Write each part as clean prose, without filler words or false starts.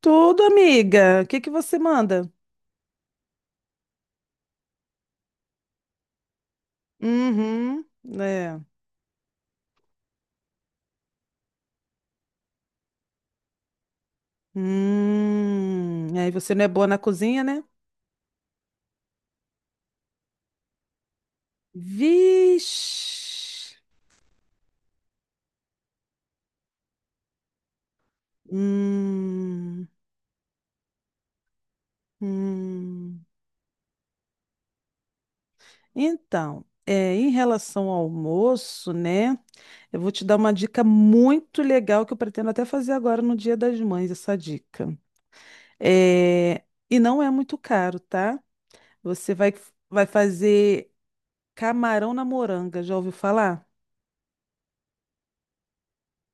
Tudo, amiga. O que que você manda? Uhum, é. Aí você não é boa na cozinha, né? Vixe. Hum, hum. Então, em relação ao almoço, né? Eu vou te dar uma dica muito legal que eu pretendo até fazer agora no Dia das Mães, essa dica. É, e não é muito caro, tá? Você vai, vai fazer camarão na moranga, já ouviu falar?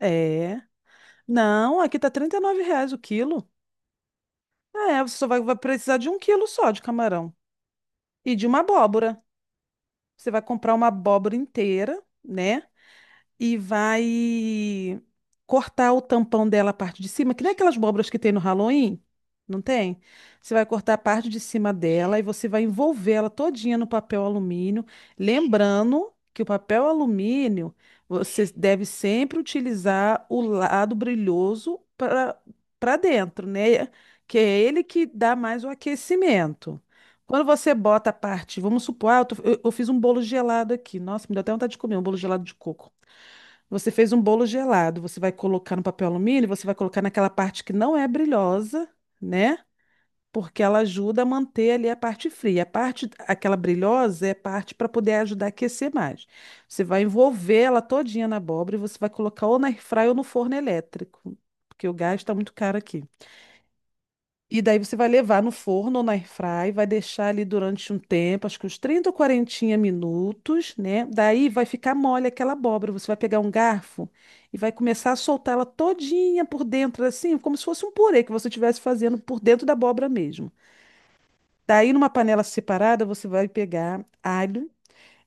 É. Não, aqui tá 39 reais o quilo. É, vai precisar de um quilo só de camarão. E de uma abóbora. Você vai comprar uma abóbora inteira, né? E vai cortar o tampão dela, a parte de cima, que nem aquelas abóboras que tem no Halloween, não tem? Você vai cortar a parte de cima dela e você vai envolver ela todinha no papel alumínio, lembrando que o papel alumínio você deve sempre utilizar o lado brilhoso para dentro, né? Que é ele que dá mais o aquecimento. Quando você bota a parte, vamos supor, ah, eu fiz um bolo gelado aqui. Nossa, me deu até vontade de comer um bolo gelado de coco. Você fez um bolo gelado, você vai colocar no papel alumínio, você vai colocar naquela parte que não é brilhosa, né? Porque ela ajuda a manter ali a parte fria. A parte, aquela brilhosa é parte para poder ajudar a aquecer mais. Você vai envolver ela todinha na abóbora e você vai colocar ou na airfryer ou no forno elétrico, porque o gás está muito caro aqui. E daí você vai levar no forno ou na airfry, vai deixar ali durante um tempo, acho que uns 30 ou 40 minutos, né? Daí vai ficar mole aquela abóbora. Você vai pegar um garfo e vai começar a soltar ela todinha por dentro, assim, como se fosse um purê que você estivesse fazendo por dentro da abóbora mesmo. Daí, numa panela separada, você vai pegar alho,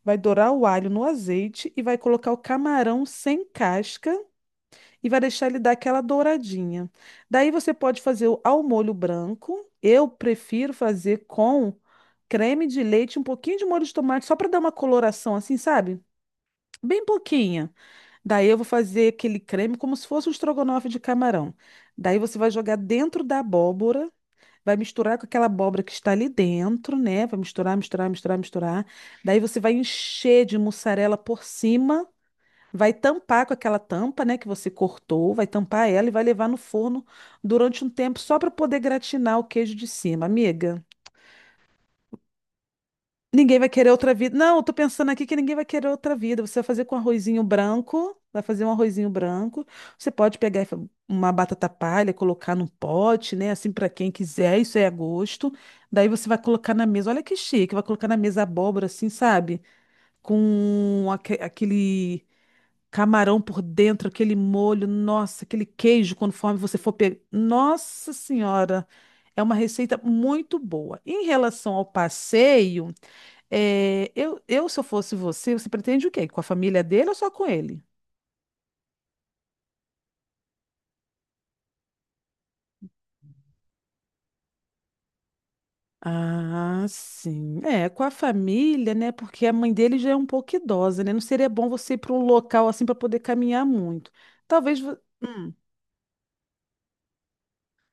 vai dourar o alho no azeite e vai colocar o camarão sem casca e vai deixar ele dar aquela douradinha. Daí você pode fazer ao molho branco. Eu prefiro fazer com creme de leite, um pouquinho de molho de tomate, só para dar uma coloração assim, sabe? Bem pouquinha. Daí eu vou fazer aquele creme como se fosse um estrogonofe de camarão. Daí você vai jogar dentro da abóbora, vai misturar com aquela abóbora que está ali dentro, né? Vai misturar, misturar, misturar, misturar. Daí você vai encher de mussarela por cima. Vai tampar com aquela tampa, né, que você cortou, vai tampar ela e vai levar no forno durante um tempo só para poder gratinar o queijo de cima, amiga. Ninguém vai querer outra vida. Não, eu tô pensando aqui que ninguém vai querer outra vida. Você vai fazer com arrozinho branco, vai fazer um arrozinho branco. Você pode pegar e fa- uma batata palha, colocar num pote, né, assim para quem quiser, isso é a gosto. Daí você vai colocar na mesa. Olha que chique, vai colocar na mesa abóbora assim, sabe? Com aquele camarão por dentro, aquele molho, nossa, aquele queijo, conforme você for pegar. Nossa Senhora, é uma receita muito boa. Em relação ao passeio, se eu fosse você, você pretende o quê? Com a família dele ou só com ele? Ah, sim. É, com a família, né? Porque a mãe dele já é um pouco idosa, né? Não seria bom você ir para um local assim para poder caminhar muito. Talvez. Hum.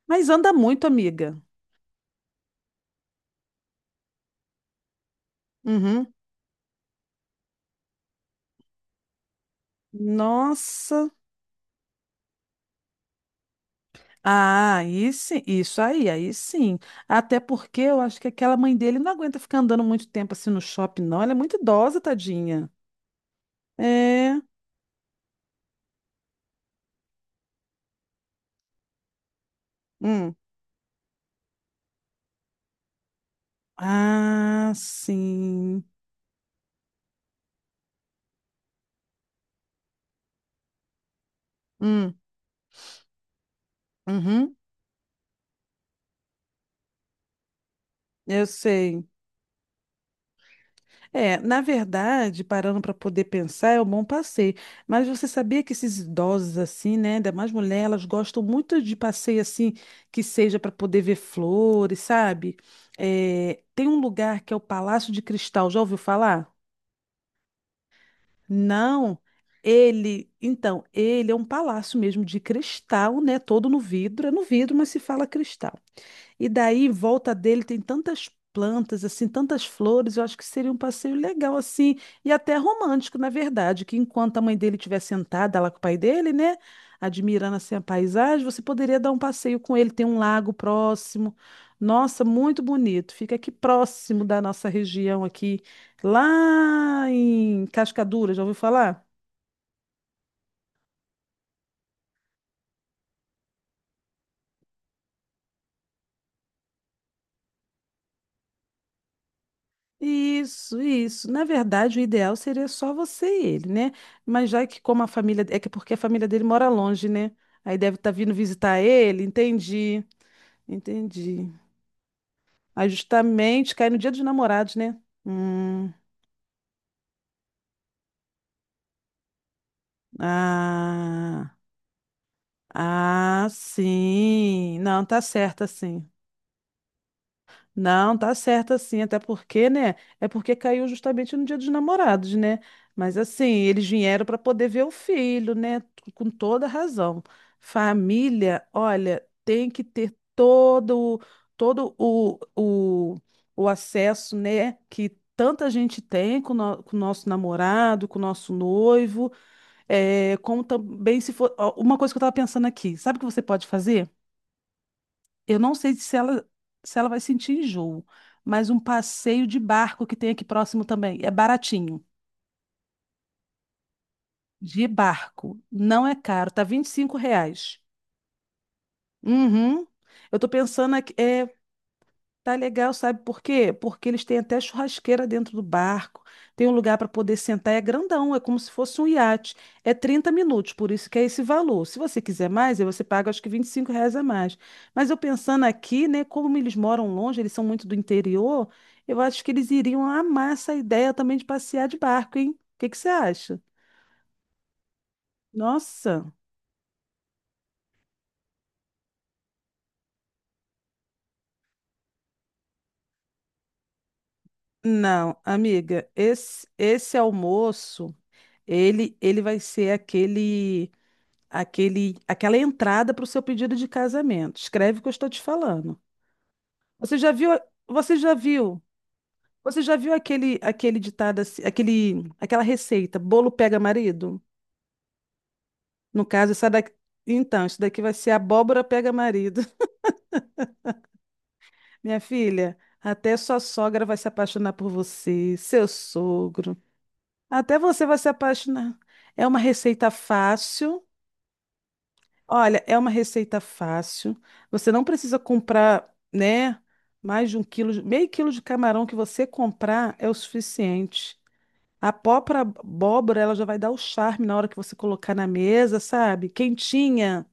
Mas anda muito, amiga. Uhum. Nossa. Ah, aí sim, isso aí, aí sim. Até porque eu acho que aquela mãe dele não aguenta ficar andando muito tempo assim no shopping, não. Ela é muito idosa, tadinha. É. Hum. Ah, sim. Hum. Uhum. Eu sei. É, na verdade, parando para poder pensar, é um bom passeio. Mas você sabia que esses idosos assim, né, ainda mais mulher, elas gostam muito de passeio assim, que seja para poder ver flores, sabe? É, tem um lugar que é o Palácio de Cristal, já ouviu falar? Não, ele, então, ele é um palácio mesmo de cristal, né, todo no vidro, é no vidro, mas se fala cristal. E daí, em volta dele tem tantas plantas, assim, tantas flores, eu acho que seria um passeio legal, assim, e até romântico, na verdade, que enquanto a mãe dele estiver sentada lá com o pai dele, né, admirando, assim, a paisagem, você poderia dar um passeio com ele, tem um lago próximo. Nossa, muito bonito. Fica aqui próximo da nossa região aqui, lá em Cascadura, já ouviu falar? Isso, isso. Na verdade, o ideal seria só você e ele, né? Mas já que como a família, é que porque a família dele mora longe, né? Aí deve estar vindo visitar ele, entendi. Entendi. Aí justamente cai no dia dos namorados, né? Hum, ah, sim. Não, tá certo assim. Não, tá certo assim, até porque, né? É porque caiu justamente no Dia dos Namorados, né? Mas assim, eles vieram para poder ver o filho, né? Com toda razão. Família, olha, tem que ter todo o acesso, né? Que tanta gente tem com, o no- com o nosso namorado, com o nosso noivo, é, como também se for. Ó, uma coisa que eu tava pensando aqui, sabe o que você pode fazer? Eu não sei se ela vai sentir enjoo, mas um passeio de barco que tem aqui próximo também. É baratinho. De barco. Não é caro. Tá 25 reais. Uhum. Eu tô pensando aqui. É, tá legal, sabe por quê? Porque eles têm até churrasqueira dentro do barco, tem um lugar para poder sentar, é grandão, é como se fosse um iate. É 30 minutos, por isso que é esse valor. Se você quiser mais, aí você paga acho que 25 reais a mais. Mas eu pensando aqui, né, como eles moram longe, eles são muito do interior, eu acho que eles iriam amar essa ideia também de passear de barco, hein? O que que você acha? Nossa, não, amiga, esse almoço, ele vai ser aquela entrada para o seu pedido de casamento. Escreve o que eu estou te falando. Você já viu, você já viu, você já viu aquele ditado, aquela receita, bolo pega marido? No caso, essa daqui, então, isso daqui vai ser abóbora pega marido. Minha filha, até sua sogra vai se apaixonar por você, seu sogro. Até você vai se apaixonar. É uma receita fácil. Olha, é uma receita fácil. Você não precisa comprar, né, mais de um quilo, meio quilo de camarão que você comprar é o suficiente. A própria abóbora, ela já vai dar o charme na hora que você colocar na mesa, sabe? Quentinha.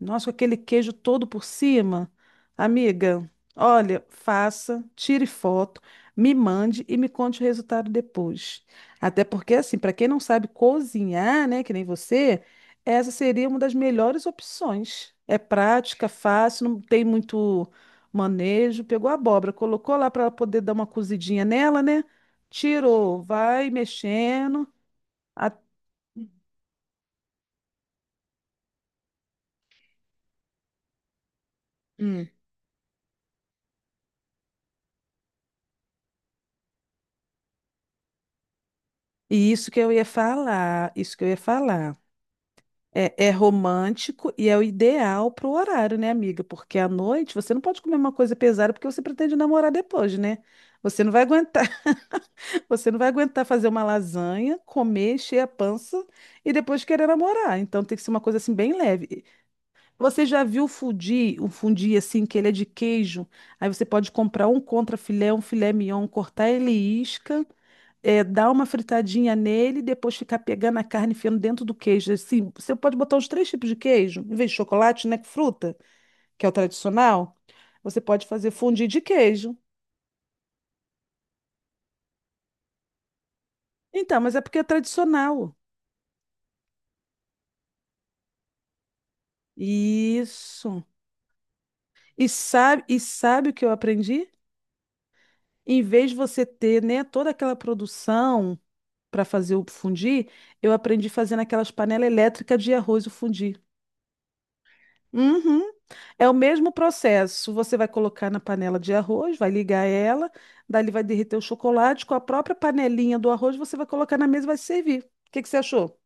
Nossa, com aquele queijo todo por cima. Amiga, olha, faça, tire foto, me mande e me conte o resultado depois. Até porque, assim, para quem não sabe cozinhar, né, que nem você, essa seria uma das melhores opções. É prática, fácil, não tem muito manejo. Pegou a abóbora, colocou lá para poder dar uma cozidinha nela, né? Tirou, vai mexendo. a- Hum. E isso que eu ia falar, isso que eu ia falar. É, é romântico e é o ideal pro horário, né, amiga? Porque à noite você não pode comer uma coisa pesada porque você pretende namorar depois, né? Você não vai aguentar, você não vai aguentar fazer uma lasanha, comer, encher a pança e depois querer namorar. Então tem que ser uma coisa assim bem leve. Você já viu fundi, um fundi assim que ele é de queijo? Aí você pode comprar um contra filé, um filé mignon, cortar ele em isca, é, dar uma fritadinha nele, depois ficar pegando a carne e enfiando dentro do queijo. Assim, você pode botar os três tipos de queijo, em vez de chocolate, né, que fruta, que é o tradicional. Você pode fazer fondue de queijo. Então, mas é porque é tradicional. Isso. E sabe o que eu aprendi? Em vez de você ter, né, toda aquela produção para fazer o fundir, eu aprendi fazendo aquelas panelas elétricas de arroz o fundir. Uhum. É o mesmo processo. Você vai colocar na panela de arroz, vai ligar ela, dali vai derreter o chocolate. Com a própria panelinha do arroz, você vai colocar na mesa e vai servir. O que que você achou?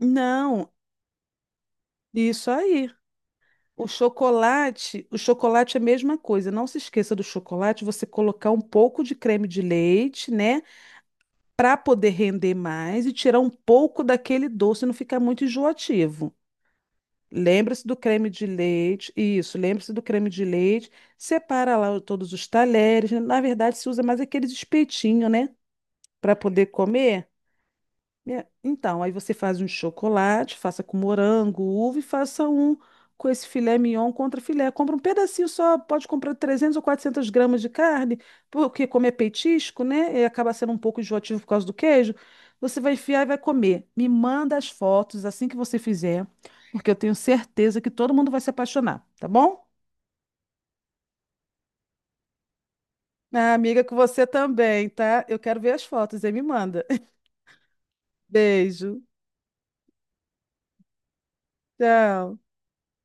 Não, isso aí. O chocolate é a mesma coisa. Não se esqueça do chocolate, você colocar um pouco de creme de leite, né, para poder render mais e tirar um pouco daquele doce, não ficar muito enjoativo. Lembre-se do creme de leite, isso, lembre-se do creme de leite, separa lá todos os talheres, né? Na verdade se usa mais aqueles espetinhos, né, para poder comer. É, então, aí você faz um chocolate, faça com morango, uva e faça um com esse filé mignon contra filé. Compra um pedacinho só, pode comprar 300 ou 400 gramas de carne, porque como é petisco, né? E acaba sendo um pouco enjoativo por causa do queijo. Você vai enfiar e vai comer. Me manda as fotos assim que você fizer, porque eu tenho certeza que todo mundo vai se apaixonar, tá bom? Ah, amiga, com você também, tá? Eu quero ver as fotos, aí me manda. Beijo. Tchau.